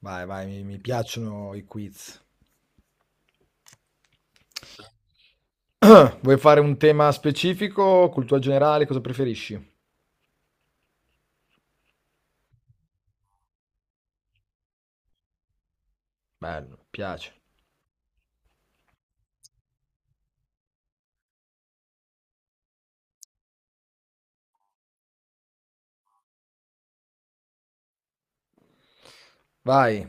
Vai, vai, mi piacciono i quiz. Vuoi fare un tema specifico, cultura generale, cosa preferisci? Bello, mi piace. Vai.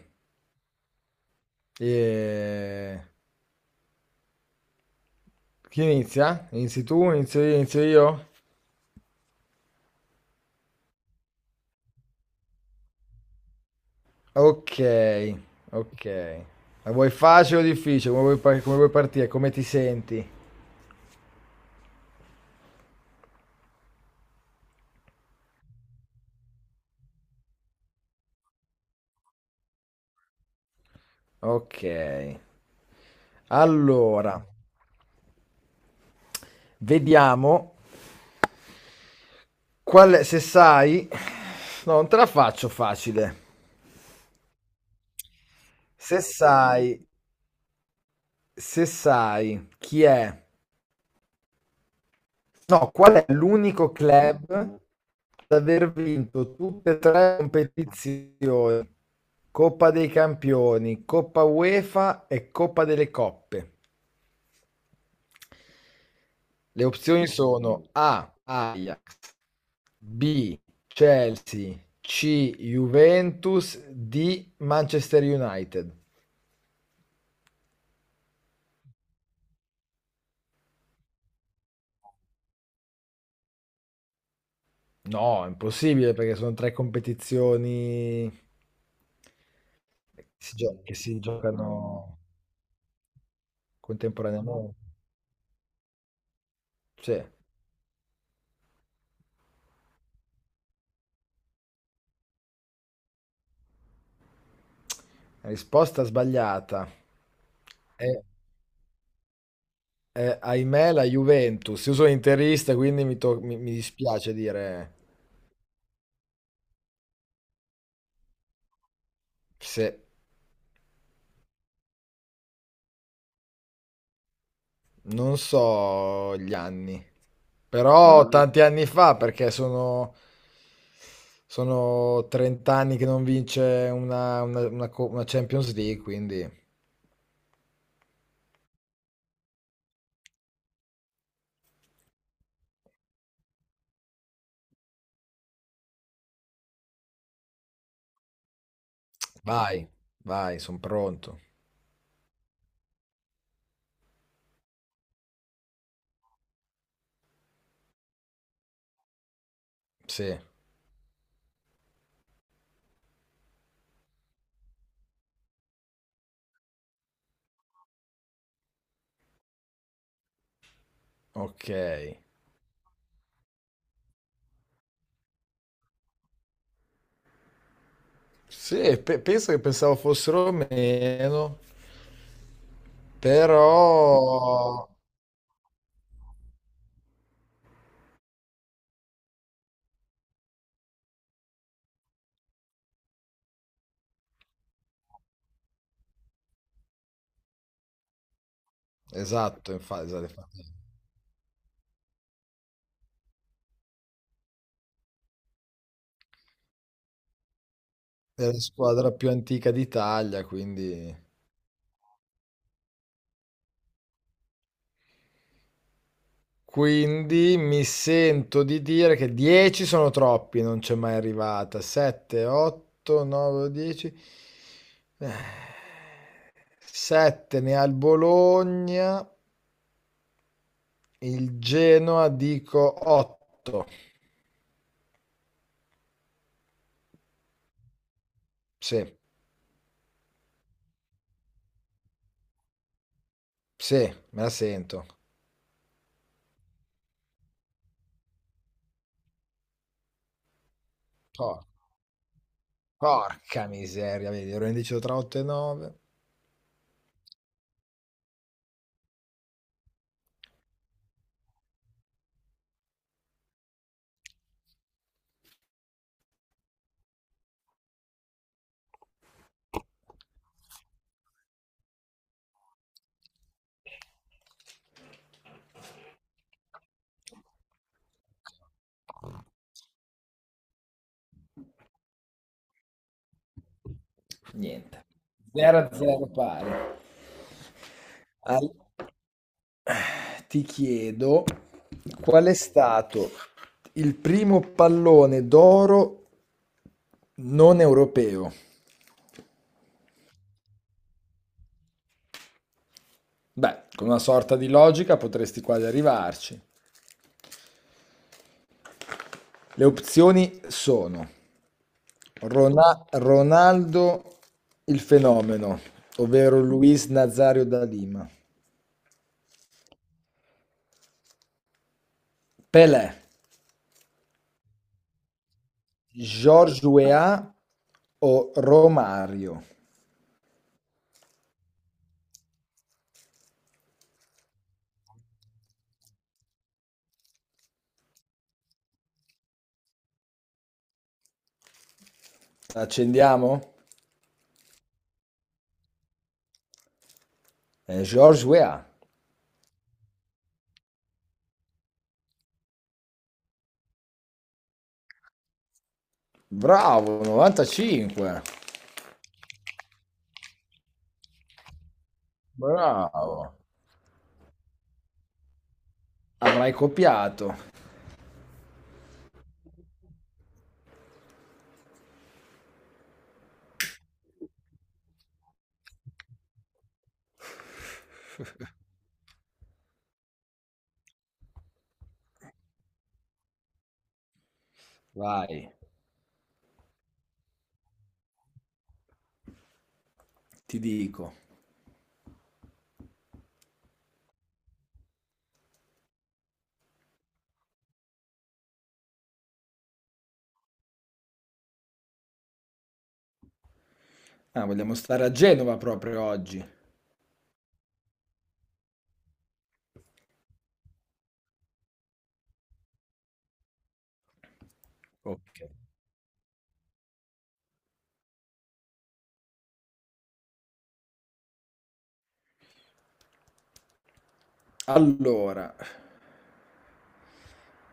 E... Chi inizia? Inizi tu, inizio io, inizio io? Ok, ok. La vuoi facile o difficile? Come vuoi, come vuoi partire? Come ti senti? Ok. Allora, vediamo se sai... No, non te la faccio facile. Se sai se sai chi è, no, qual è l'unico club ad aver vinto tutte e tre le competizioni, Coppa dei Campioni, Coppa UEFA e Coppa delle Coppe. Le opzioni sono A, Ajax, B, Chelsea, C, Juventus, D, Manchester United. No, è impossibile perché sono tre competizioni che si giocano. Contemporaneamente. Sì. La risposta sbagliata. Eh, ahimè, la Juventus. Io sono interista, quindi mi dispiace dire se non so gli anni. Però tanti anni fa, perché sono 30 anni che non vince una Champions League, quindi vai, vai, sono pronto. Sì, ok. Sì, penso che pensavo fossero meno, però... Esatto, infatti, è la squadra più antica d'Italia, quindi... Quindi mi sento di dire che 10 sono troppi, non c'è mai arrivata. 7, 8, 9, 10. 7 ne ha il Bologna, il Genoa dico 8. Sì, sì, me la sento. Porca miseria, vedi, ero indeciso tra 8 e 9. Niente. 0 a 0 pari. Al- Ti chiedo qual è stato il primo pallone d'oro non europeo? Beh, con una sorta di logica potresti quasi arrivarci. Le opzioni sono Ronaldo il fenomeno, ovvero Luis Nazario da Lima, Pelé, George o Romario? Accendiamo? George Weah. Bravo, 95. Bravo. Avrai copiato. Vai, ti dico. Ah, vogliamo stare a Genova proprio oggi. Ok. Allora,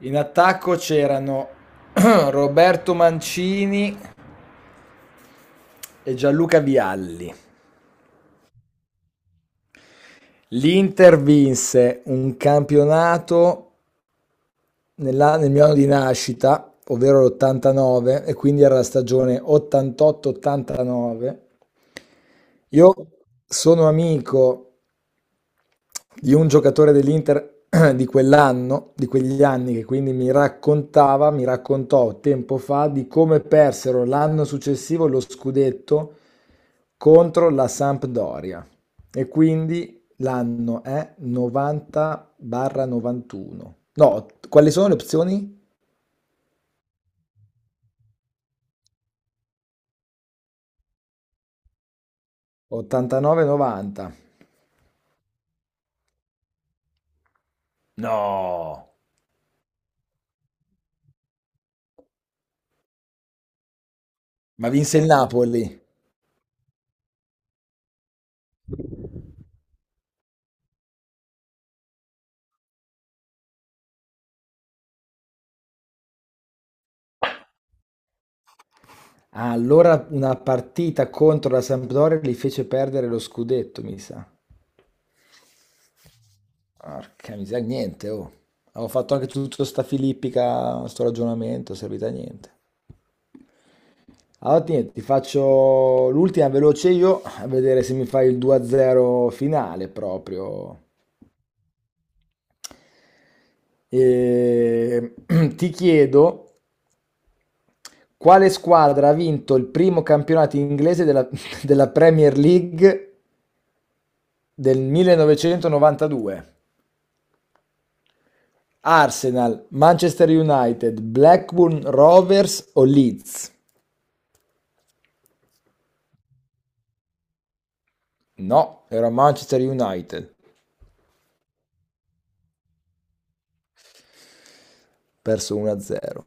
in attacco c'erano Roberto Mancini e Gianluca Vialli. L'Inter vinse un campionato nel mio anno di nascita, ovvero l'89, e quindi era la stagione 88-89. Io sono amico di un giocatore dell'Inter di quell'anno, di quegli anni, che quindi mi raccontava, mi raccontò tempo fa di come persero l'anno successivo lo scudetto contro la Sampdoria. E quindi l'anno è 90-91. No, quali sono le opzioni? 89-90. No! Ma vinse il Napoli. Ah, allora una partita contro la Sampdoria gli fece perdere lo scudetto, mi sa. Porca miseria, niente, oh. Avevo fatto anche tutto sta filippica, sto ragionamento, è servita a niente. Allora, niente, ti faccio l'ultima veloce io, a vedere se mi fai il 2-0 finale proprio. E... Ti chiedo, quale squadra ha vinto il primo campionato inglese della, della, Premier League del 1992? Arsenal, Manchester United, Blackburn Rovers o Leeds? No, era Manchester United, perso 1-0.